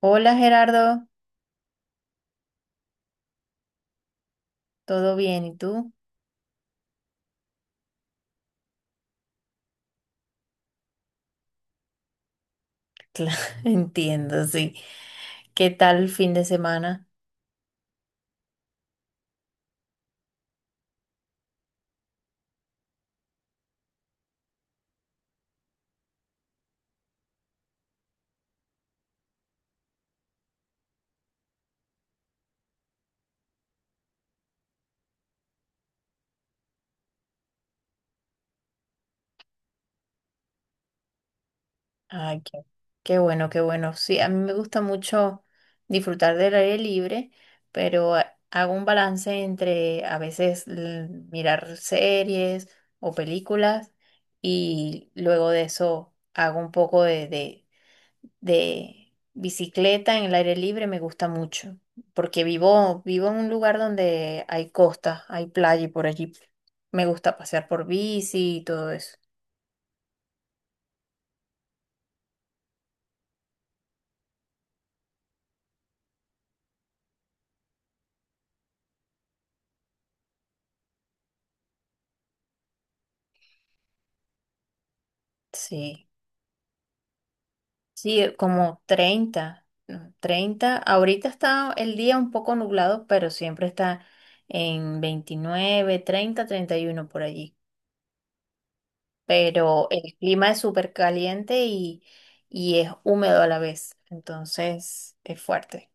Hola, Gerardo. ¿Todo bien? ¿Y tú? Claro, entiendo, sí. ¿Qué tal el fin de semana? Ay, qué bueno, qué bueno. Sí, a mí me gusta mucho disfrutar del aire libre, pero hago un balance entre a veces mirar series o películas, y luego de eso hago un poco de bicicleta. En el aire libre me gusta mucho, porque vivo en un lugar donde hay costa, hay playa y por allí me gusta pasear por bici y todo eso. Sí, sí, como 30, ¿no? 30. Ahorita está el día un poco nublado, pero siempre está en 29, 30, 31 por allí. Pero el clima es súper caliente y es húmedo a la vez, entonces es fuerte.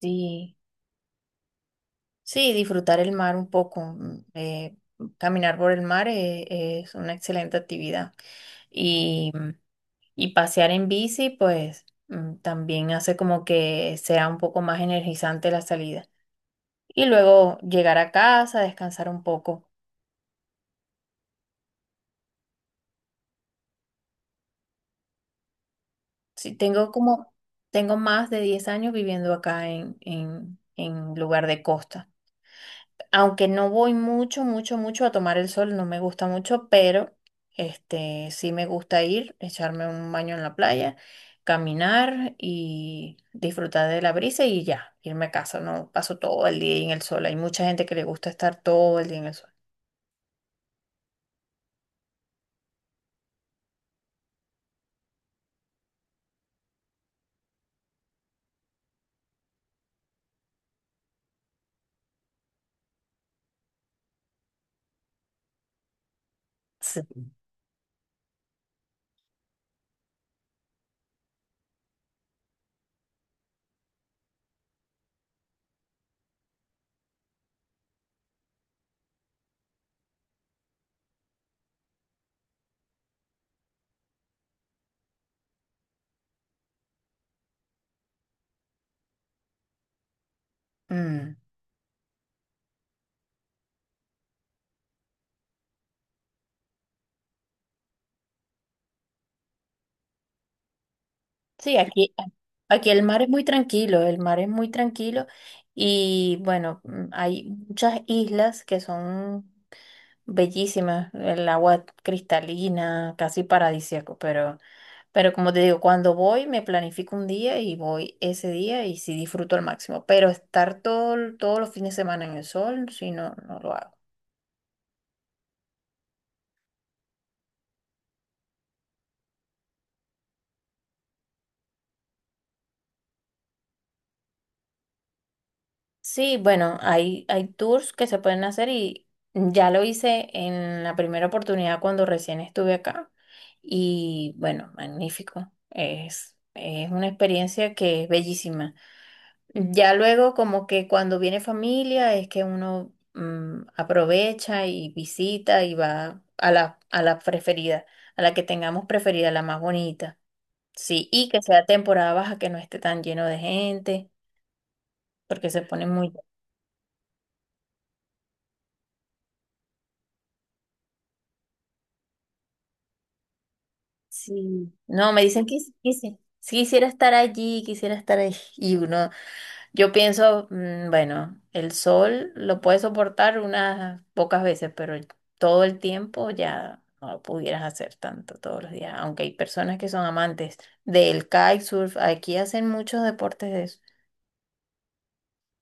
Sí. Sí, disfrutar el mar un poco. Caminar por el mar, es una excelente actividad. Y, mm, y pasear en bici, pues, también hace como que sea un poco más energizante la salida. Y luego llegar a casa, descansar un poco. Sí, tengo más de 10 años viviendo acá en, en lugar de costa. Aunque no voy mucho, mucho, mucho a tomar el sol, no me gusta mucho, pero este sí me gusta ir, echarme un baño en la playa, caminar y disfrutar de la brisa y ya, irme a casa. No paso todo el día ahí en el sol. Hay mucha gente que le gusta estar todo el día en el sol. Sí. Mm, sí, aquí el mar es muy tranquilo, el mar es muy tranquilo. Y bueno, hay muchas islas que son bellísima, el agua cristalina, casi paradisíaco, pero, como te digo, cuando voy me planifico un día y voy ese día y sí disfruto al máximo. Pero estar todo, todos los fines de semana en el sol, sí, no, no lo hago. Sí, bueno, hay tours que se pueden hacer, y ya lo hice en la primera oportunidad cuando recién estuve acá. Y bueno, magnífico, es una experiencia que es bellísima. Ya luego, como que cuando viene familia es que uno, aprovecha y visita y va a la preferida, a la que tengamos preferida, la más bonita. Sí, y que sea temporada baja, que no esté tan lleno de gente, porque se pone muy. Sí. No, me dicen que quisiera estar allí, quisiera estar ahí. Y uno. Yo pienso, bueno, el sol lo puedes soportar unas pocas veces, pero todo el tiempo ya no lo pudieras hacer tanto, todos los días. Aunque hay personas que son amantes del kitesurf. Aquí hacen muchos deportes de eso.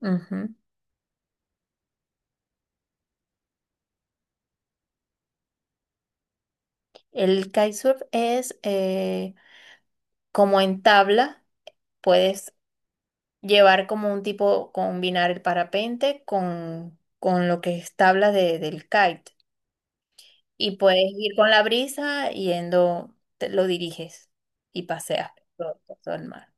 Ujú. El kitesurf es, como en tabla, puedes llevar como un tipo, combinar el parapente con lo que es tabla del kite. Y puedes ir con la brisa yendo, lo diriges y paseas por todo, todo el mar.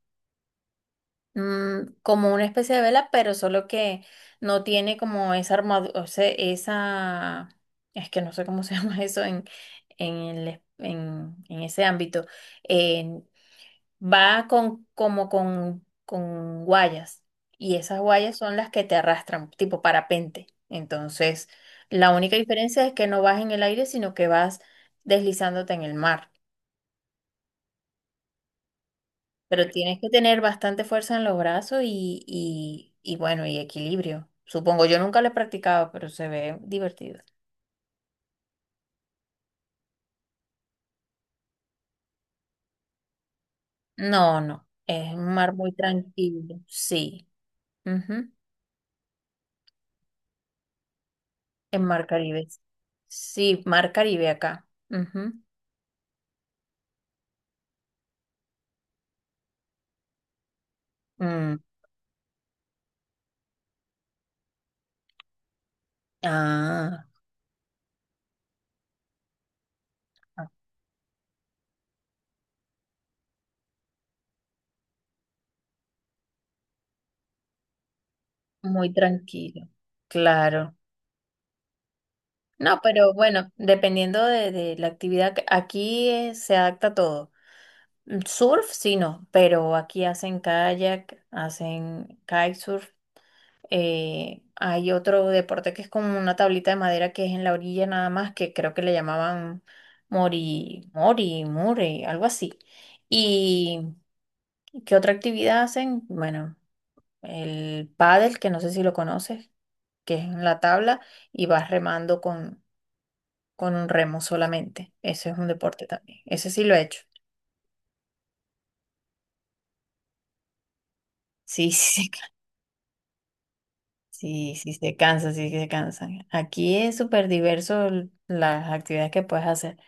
Como una especie de vela, pero solo que no tiene como esa armadura, o sea, esa, es que no sé cómo se llama eso en, en ese ámbito. Va como con guayas. Y esas guayas son las que te arrastran, tipo parapente. Entonces, la única diferencia es que no vas en el aire, sino que vas deslizándote en el mar. Pero tienes que tener bastante fuerza en los brazos y bueno, y equilibrio. Supongo, yo nunca lo he practicado, pero se ve divertido. No, no, es un mar muy tranquilo. Sí, ujú. En mar Caribe. Sí, mar Caribe acá. Ujú. Mm. Ah, ah, muy tranquilo, claro. No, pero bueno, dependiendo de la actividad, aquí, se adapta a todo. Mm, surf, sí, no, pero aquí hacen kayak, hacen kitesurf. Hay otro deporte que es como una tablita de madera que es en la orilla nada más, que creo que le llamaban mori, mori, muri, algo así. ¿Y qué otra actividad hacen? Bueno, el pádel, que no sé si lo conoces, que es en la tabla, y vas remando con un remo solamente. Eso es un deporte también. Ese sí lo he hecho. Sí, sí, sí, sí se cansa, sí se cansan. Aquí es súper diverso las actividades que puedes hacer.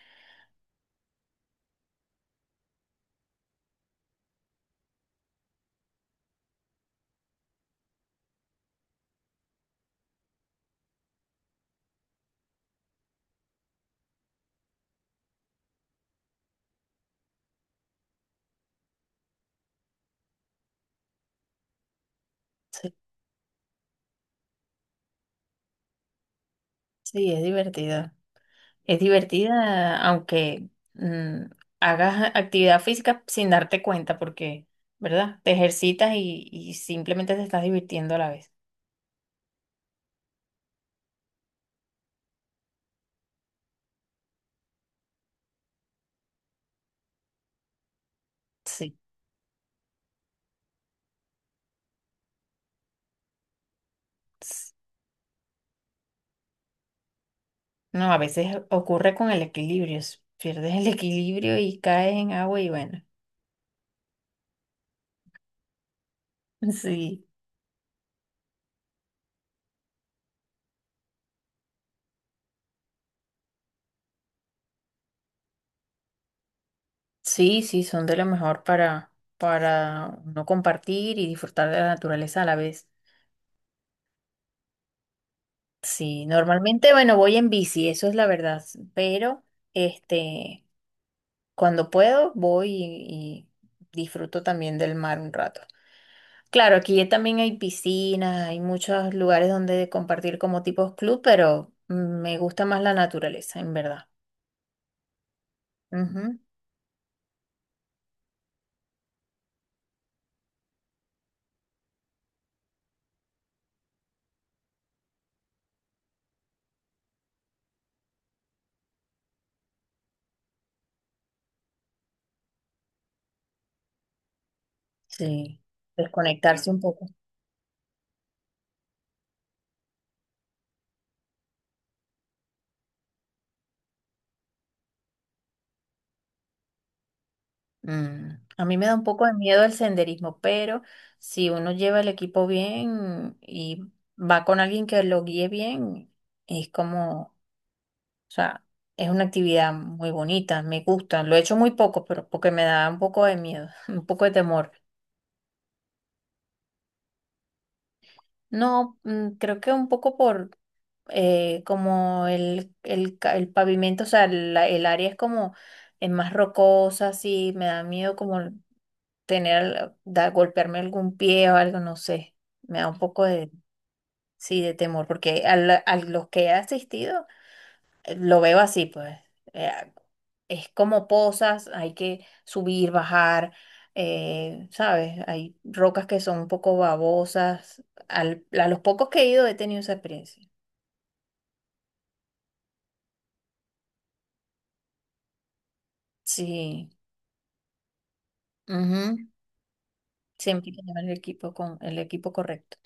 Sí, sí, es divertido. Es divertida, aunque, mm, hagas actividad física sin darte cuenta, porque, ¿verdad? Te ejercitas y simplemente te estás divirtiendo a la vez. Sí. No, a veces ocurre con el equilibrio, pierdes el equilibrio y caes en agua y bueno, sí, sí, sí, son de lo mejor para, no compartir y disfrutar de la naturaleza a la vez. Sí, normalmente, bueno, voy en bici, eso es la verdad, pero este, cuando puedo voy y disfruto también del mar un rato. Claro, aquí también hay piscinas, hay muchos lugares donde compartir como tipos club, pero, me gusta más la naturaleza, en verdad. Sí, desconectarse un poco. Mm, A mí me da un poco de miedo el senderismo, pero si uno lleva el equipo bien y va con alguien que lo guíe bien, es como, o sea, es una actividad muy bonita, me gusta. Lo he hecho muy poco, pero porque me da un poco de miedo, un poco de temor. No, creo que un poco por, como el pavimento, o sea, el área es como, es más rocosa, así, me da miedo como tener, golpearme algún pie o algo, no sé. Me da un poco de, sí, de temor, porque a los que he asistido, lo veo así, pues. eh, es como pozas, hay que subir, bajar, ¿sabes? Hay rocas que son un poco babosas. A los pocos que he ido he tenido esa experiencia. Sí. Ujú. Siempre hay que llevar el equipo con el equipo correcto.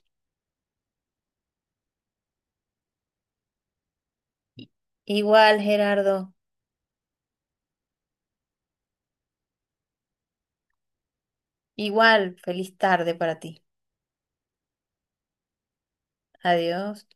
Igual, Gerardo. Igual, feliz tarde para ti. Adiós.